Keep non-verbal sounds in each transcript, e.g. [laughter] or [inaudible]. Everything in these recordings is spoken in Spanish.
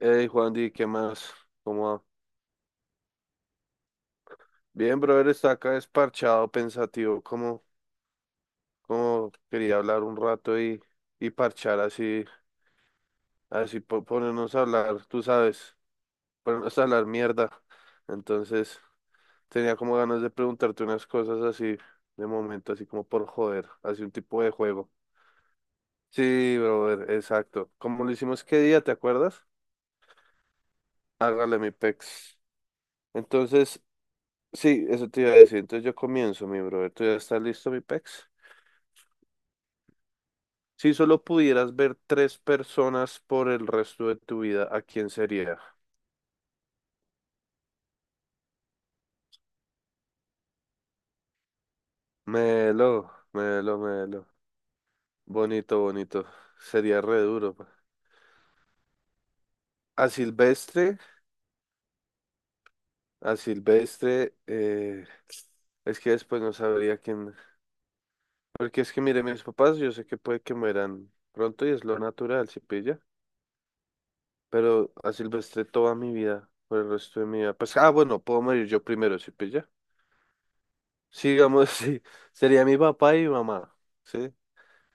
Hey, Juan, Di, ¿qué más? ¿Cómo va? Bien, brother, está acá desparchado, pensativo, como quería hablar un rato y parchar así, ponernos a hablar, tú sabes, ponernos a hablar mierda. Entonces, tenía como ganas de preguntarte unas cosas así, de momento, así como por joder, así un tipo de juego. Sí, brother, exacto. Como lo hicimos qué día, ¿te acuerdas? Hágale mi pex. Entonces, sí, eso te iba a decir. Entonces yo comienzo, mi brother. ¿Tú ya estás listo, mi pex? Si solo pudieras ver tres personas por el resto de tu vida, ¿a quién sería? Melo, melo, melo. Bonito, bonito. Sería re duro, pa. A Silvestre, a Silvestre, es que después no sabría quién. Porque es que, mire, mis papás, yo sé que puede que mueran pronto y es lo natural, si pilla. Pero a Silvestre toda mi vida, por el resto de mi vida. Pues, bueno, puedo morir yo primero, si pilla. Sigamos, [laughs] sí. Sería mi papá y mi mamá. ¿Sí?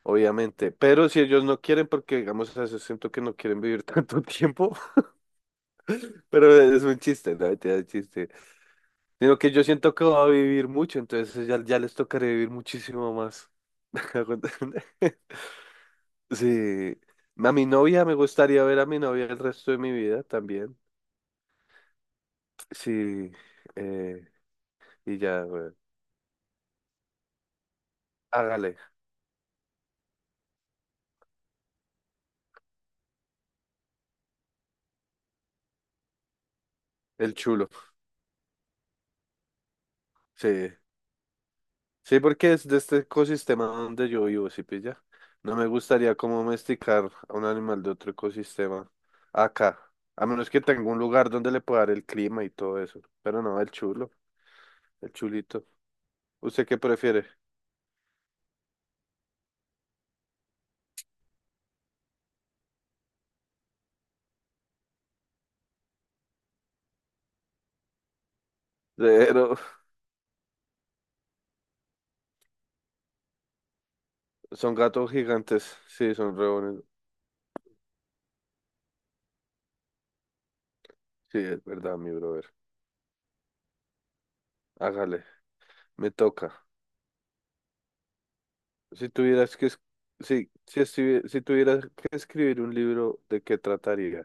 Obviamente, pero si ellos no quieren, porque digamos, a veces siento que no quieren vivir tanto [laughs] tiempo, pero es un chiste, no, mentira, es un chiste. Sino que yo siento que va a vivir mucho, entonces ya les tocaré vivir muchísimo más. [laughs] Sí, a mi novia, me gustaría ver a mi novia el resto de mi vida también. Sí, eh, y ya, bueno, hágale, el chulo, sí. Sí, porque es de este ecosistema donde yo vivo, ¿sí pilla? No me gustaría como domesticar a un animal de otro ecosistema acá, a menos que tenga un lugar donde le pueda dar el clima y todo eso. Pero no, el chulo, el chulito. ¿Usted qué prefiere? [laughs] Pero son gatos gigantes, sí, son re bonitos. Sí, es verdad, mi brother. Hágale, me toca. Si tuvieras que, es- sí, si, estuvi- si tuvieras que escribir un libro, ¿de qué trataría?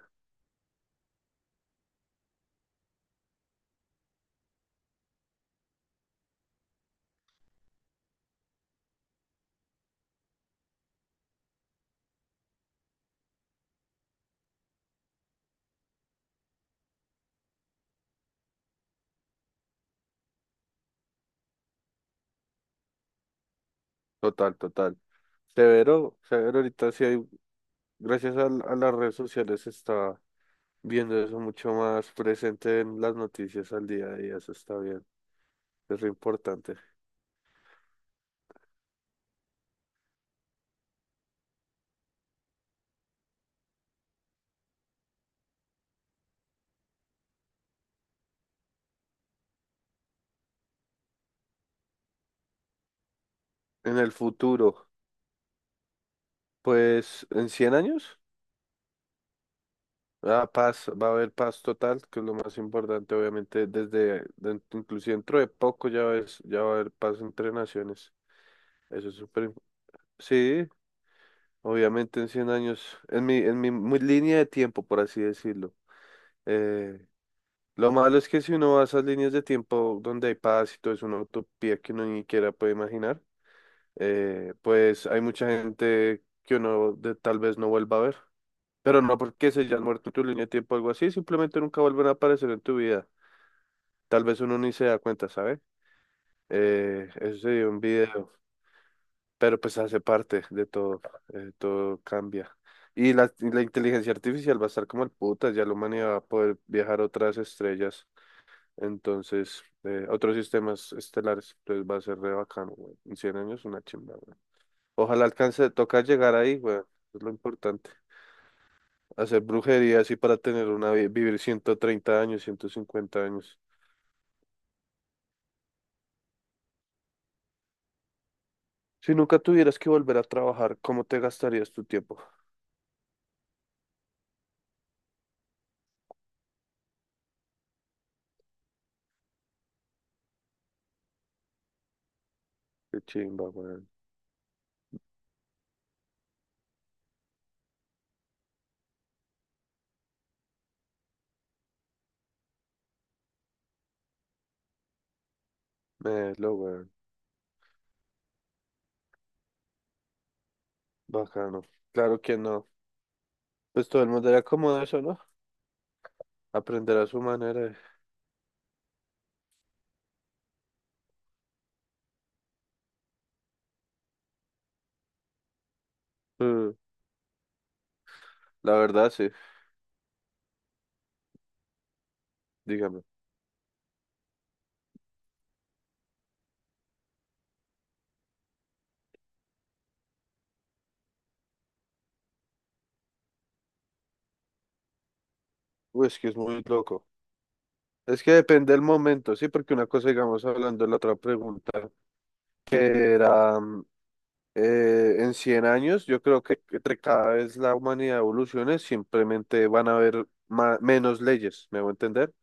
Total, total. Severo, severo, ahorita sí hay gracias a las redes sociales se está viendo eso mucho más presente en las noticias al día a día, eso está bien, es re importante. En el futuro, pues en 100 años, paz, va a haber paz total, que es lo más importante, obviamente, inclusive dentro de poco ya ves, ya va a haber paz entre naciones, eso es súper, sí, obviamente en 100 años, en mi línea de tiempo, por así decirlo. eh, Lo malo es que si uno va a esas líneas de tiempo donde hay paz y todo es una utopía que uno ni siquiera puede imaginar, pues hay mucha gente que tal vez no vuelva a ver. Pero no porque se hayan muerto en tu línea de tiempo o algo así, simplemente nunca vuelven a aparecer en tu vida. Tal vez uno ni se da cuenta, ¿sabes? Eso sería un video, pero pues hace parte de todo, todo cambia. Y la inteligencia artificial va a estar como el puta, ya la humanidad va a poder viajar a otras estrellas. Entonces, otros sistemas estelares, entonces va a ser re bacano, güey. En 100 años una chimba, güey. Ojalá alcance, toca llegar ahí, güey. Es lo importante. Hacer brujería así para tener vivir 130 años, 150 años. Si nunca tuvieras que volver a trabajar, ¿cómo te gastarías tu tiempo? Qué chimba, güey. Melo, güey. Bacano. Claro que no. Pues todo el mundo era como eso, ¿no? Aprender a su manera. Mm, la verdad, sí. Dígame. Uy, es que es muy loco. Es que depende del momento, sí, porque una cosa, digamos, hablando de la otra pregunta, que era en 100 años, yo creo que entre cada vez la humanidad evolucione, simplemente van a haber menos leyes, ¿me voy a entender?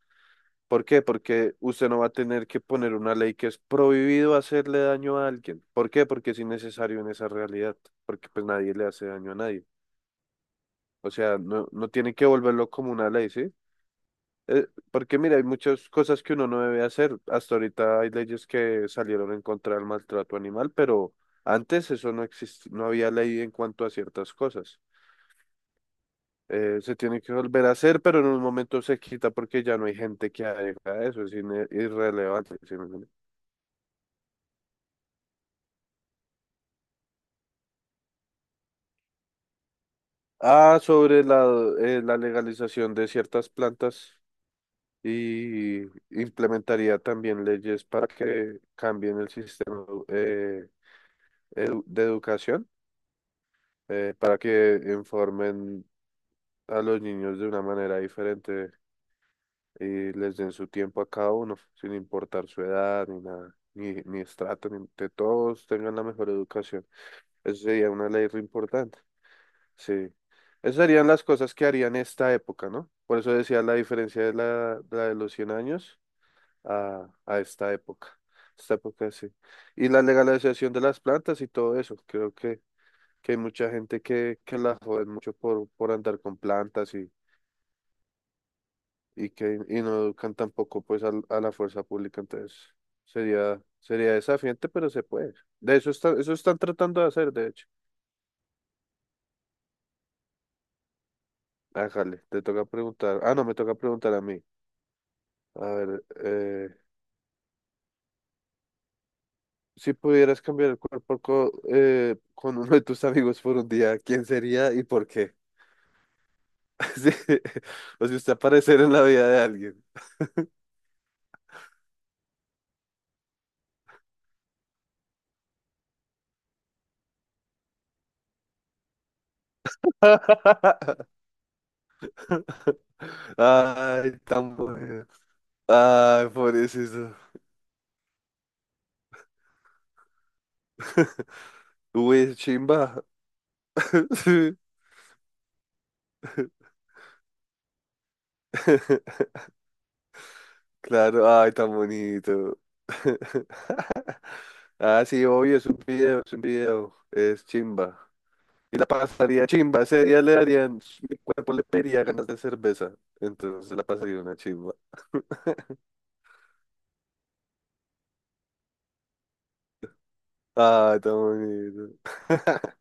¿Por qué? Porque usted no va a tener que poner una ley que es prohibido hacerle daño a alguien. ¿Por qué? Porque es innecesario en esa realidad, porque pues nadie le hace daño a nadie. O sea, no, no tiene que volverlo como una ley, ¿sí? Porque mira, hay muchas cosas que uno no debe hacer. Hasta ahorita hay leyes que salieron en contra del maltrato animal, pero antes eso no existía, no había ley en cuanto a ciertas cosas. Se tiene que volver a hacer, pero en un momento se quita porque ya no hay gente que haga eso, es irrelevante. ¿Sí me entiende? Ah, sobre la legalización de ciertas plantas y implementaría también leyes para que cambien el sistema eh, de educación, para que informen a los niños de una manera diferente y les den su tiempo a cada uno, sin importar su edad ni nada, ni estrato, ni que todos tengan la mejor educación. Eso sería una ley re importante. Sí. Esas serían las cosas que harían esta época, ¿no? Por eso decía la diferencia de la de los 100 años a esta época. Esta época sí. Y la legalización de las plantas y todo eso. Creo que hay mucha gente que la joden mucho por andar con plantas y que y no educan tampoco pues a la fuerza pública, entonces sería desafiante, pero se puede. De eso están tratando de hacer, de hecho. Ájale, te toca preguntar. Ah, no, me toca preguntar a mí. A ver, si pudieras cambiar el cuerpo con uno de tus amigos por un día, ¿quién sería y por qué? [laughs] Sí, o si usted aparecer en la vida de alguien. [laughs] [laughs] Ay, tan bueno. Ay, pobrecito. [laughs] Uy, es chimba. [laughs] Sí. [laughs] Claro, ay, tan bonito. [laughs] Ah, sí, obvio, es un video, es un video. Es chimba. Y la pasaría chimba, ese día le darían, mi cuerpo le pediría ganas de cerveza. Entonces la pasaría una chimba. [laughs] Ay, tan bonito. [laughs]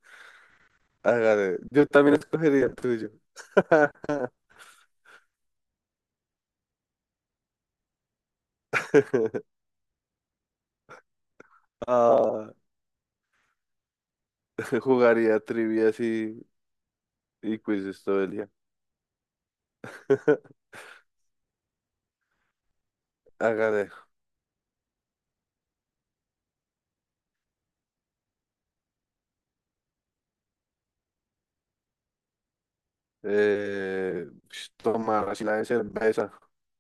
Hágale, yo también escogería el tuyo. [laughs] Ah. Jugaría trivias y quizzes todo el día. [laughs] Hágale. Tomar así la de cerveza.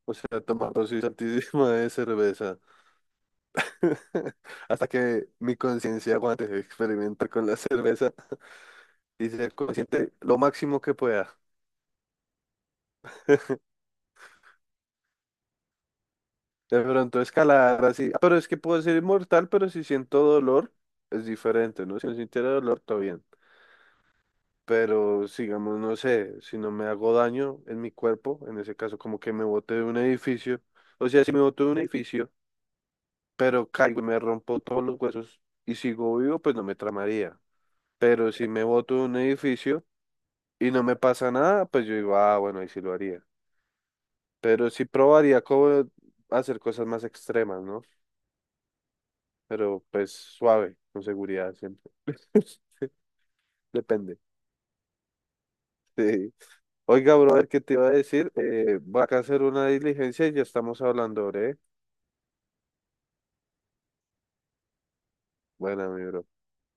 O sea, tomar dosis altísima de cerveza. [laughs] Hasta que mi conciencia aguante experimentar con la cerveza y ser consciente lo máximo que pueda. De pronto escalar así. Pero es que puedo ser inmortal, pero si siento dolor, es diferente, ¿no? Si no sintiera dolor, todo bien. Pero sigamos, no sé, si no me hago daño en mi cuerpo, en ese caso como que me bote de un edificio, o sea, si me boto de un edificio, pero caigo y me rompo todos los huesos y sigo vivo, pues no me tramaría. Pero si me boto de un edificio y no me pasa nada, pues yo digo, bueno, ahí sí lo haría. Pero sí probaría como hacer cosas más extremas, ¿no? Pero pues suave, con seguridad siempre. [laughs] Depende. Sí. Oiga, brother, ¿qué te iba a decir? Voy acá a hacer una diligencia y ya estamos hablando, ¿eh? Bueno, mi bro.